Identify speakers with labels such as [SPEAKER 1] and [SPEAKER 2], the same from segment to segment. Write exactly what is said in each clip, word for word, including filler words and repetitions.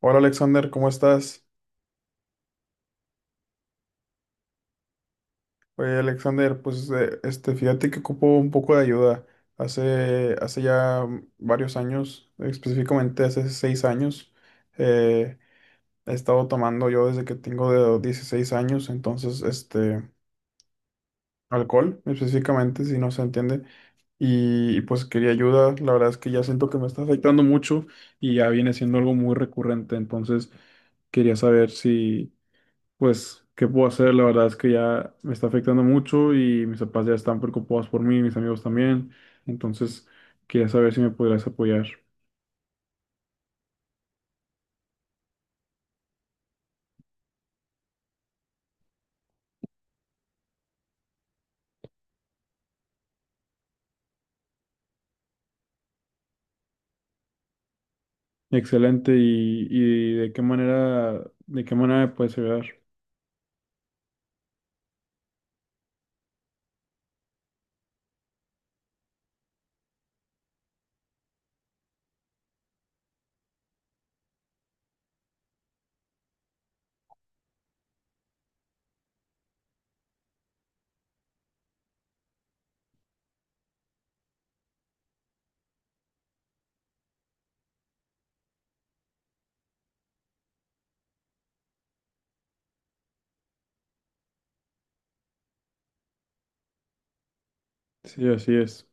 [SPEAKER 1] Hola Alexander, ¿cómo estás? Oye Alexander, pues eh, este, fíjate que ocupo un poco de ayuda. Hace, hace ya varios años, específicamente hace seis años, eh, he estado tomando yo desde que tengo de dieciséis años, entonces este, alcohol específicamente, si no se entiende, y, y, pues quería ayuda. La verdad es que ya siento que me está afectando mucho y ya viene siendo algo muy recurrente, entonces quería saber si. Pues, ¿qué puedo hacer? La verdad es que ya me está afectando mucho y mis papás ya están preocupados por mí, mis amigos también. Entonces, quería saber si me podrías apoyar. Excelente. ¿Y, y de qué manera, de qué manera me puedes ayudar? Sí, así es.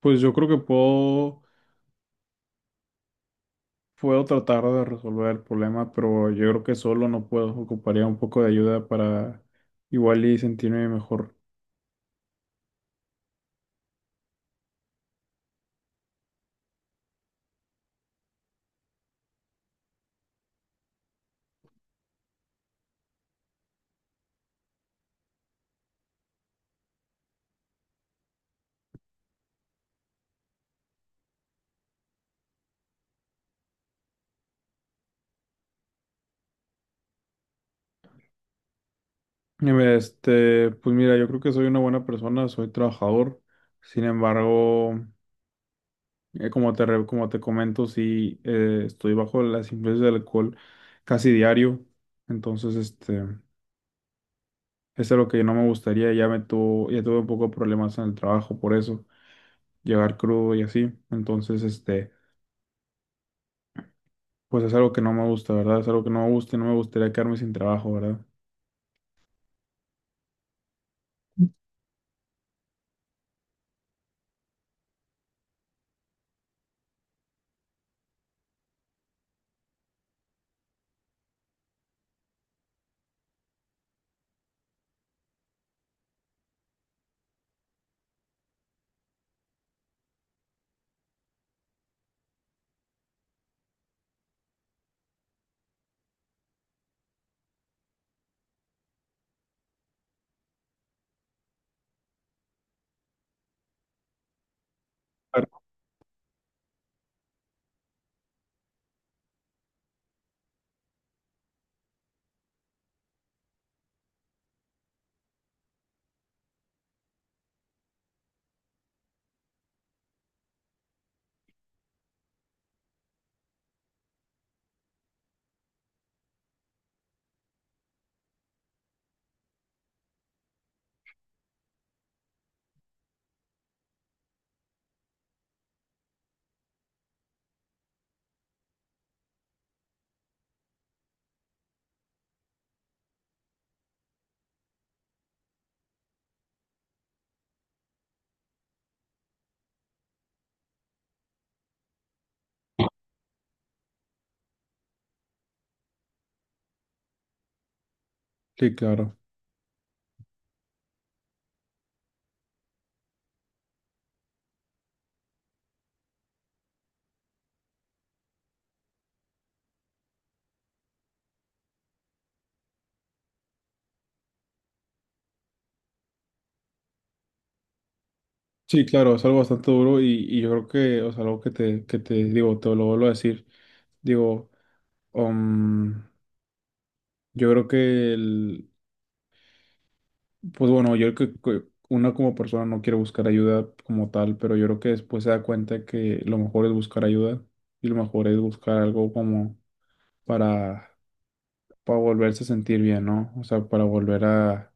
[SPEAKER 1] Pues yo creo que puedo, puedo tratar de resolver el problema, pero yo creo que solo no puedo. Ocuparía un poco de ayuda para igual y sentirme mejor. Y me- Este, pues mira, yo creo que soy una buena persona, soy trabajador. Sin embargo, Eh, como te, re- como te comento, sí, eh, estoy bajo las influencias del alcohol casi diario. Entonces, este, eso es lo que no me gustaría. Ya me tuvo, ya tuve un poco de problemas en el trabajo por eso, llegar crudo y así. Entonces, este, pues es algo que no me gusta, ¿verdad? Es algo que no me gusta y no me gustaría quedarme sin trabajo, ¿verdad? Claro. Sí, claro. Sí, claro, es algo bastante duro y, y yo creo que, o sea, algo que te, que te digo, te lo vuelvo a decir. Digo, um, yo creo que el, pues bueno, yo creo que que uno como persona no quiere buscar ayuda como tal, pero yo creo que después se da cuenta que lo mejor es buscar ayuda y lo mejor es buscar algo como para, para volverse a sentir bien, ¿no? O sea, para volver a,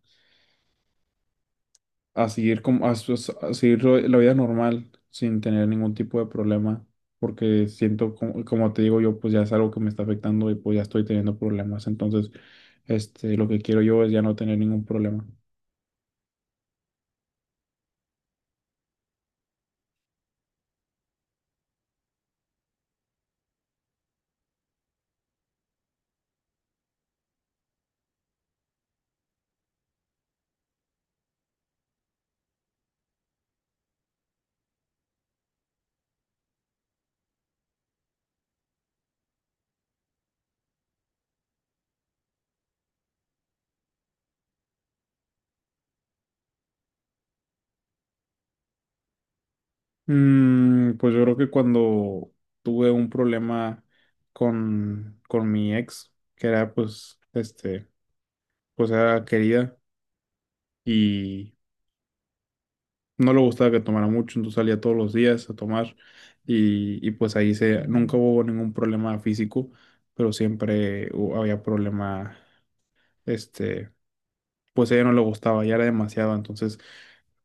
[SPEAKER 1] a seguir como a, su- a seguir lo- la vida normal sin tener ningún tipo de problema, porque siento como, como te digo yo, pues ya es algo que me está afectando y pues ya estoy teniendo problemas, entonces este lo que quiero yo es ya no tener ningún problema. Mm, pues yo creo que cuando tuve un problema con, con mi ex, que era pues, este, pues era querida y no le gustaba que tomara mucho, entonces salía todos los días a tomar y, y pues ahí se, nunca hubo ningún problema físico, pero siempre hu- había problema, este, pues a ella no le gustaba, ya era demasiado, entonces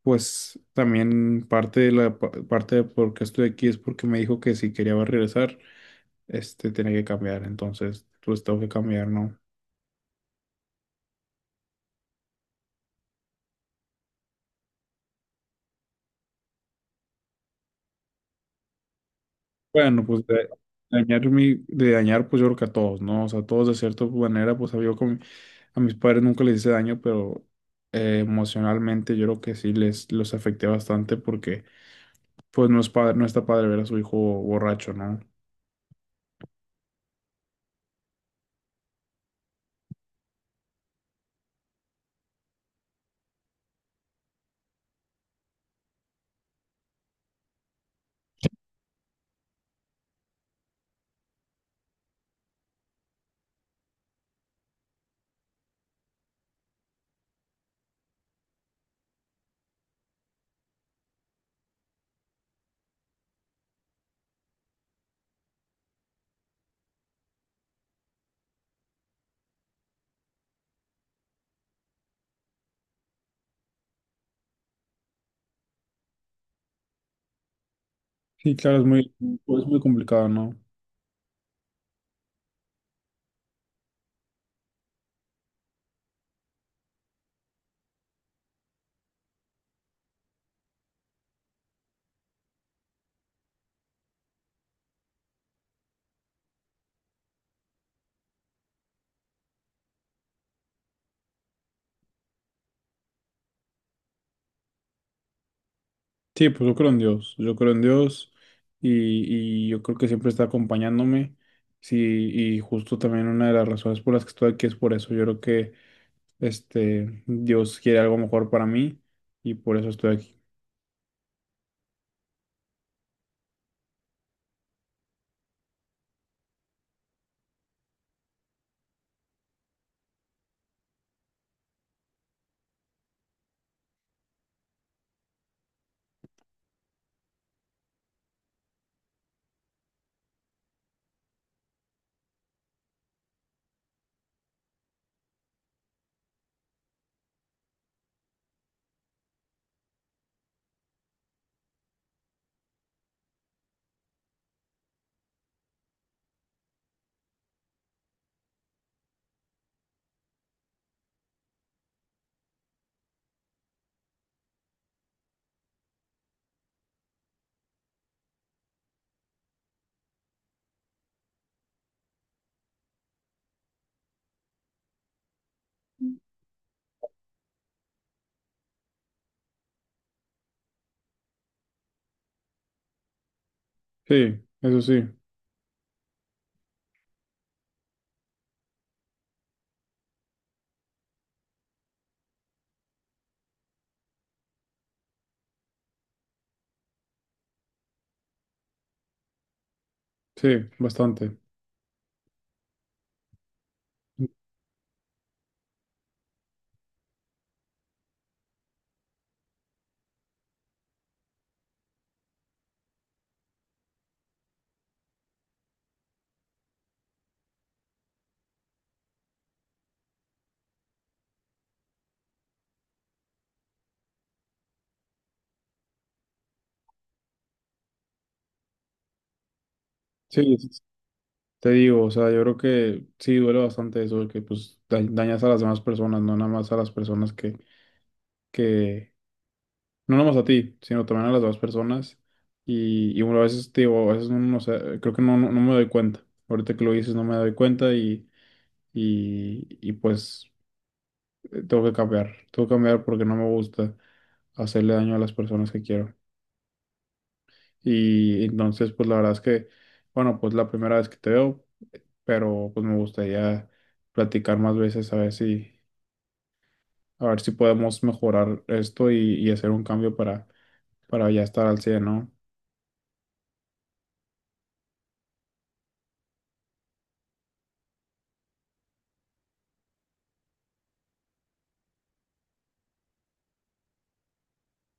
[SPEAKER 1] pues también parte de la pa- parte de por qué estoy aquí es porque me dijo que si quería regresar. Este tiene que cambiar, entonces pues tengo que cambiar, ¿no? Bueno, pues de dañar mi, de dañar pues yo creo que a todos, ¿no? O sea, todos de cierta manera, pues yo con, a mis padres nunca les hice daño, pero eh, emocionalmente yo creo que sí les los afecté bastante porque pues no es padre, no está padre ver a su hijo borracho, ¿no? Sí, claro, es muy, pues, muy complicado, ¿no? Sí, pues yo creo en Dios, yo creo en Dios y, y yo creo que siempre está acompañándome. Sí, y justo también una de las razones por las que estoy aquí es por eso. Yo creo que este Dios quiere algo mejor para mí y por eso estoy aquí. Sí, eso sí, sí, bastante. Sí, sí, sí. Te digo, o sea, yo creo que sí duele bastante eso, de que pues da- dañas a las demás personas, no nada más a las personas que, que, no nomás a ti, sino también a las demás personas. Y, y bueno, a veces te digo, a veces no no sé, creo que no, no, no me doy cuenta. Ahorita que lo dices, no me doy cuenta y, y, y pues eh, tengo que cambiar. Tengo que cambiar porque no me gusta hacerle daño a las personas que quiero. Y entonces, pues la verdad es que, bueno, pues la primera vez que te veo, pero pues me gustaría platicar más veces a ver si, a ver si podemos mejorar esto y, y hacer un cambio para, para ya estar al cien, ¿no?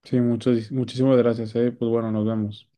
[SPEAKER 1] Sí, muchas, muchísimas gracias, eh. Pues bueno, nos vemos.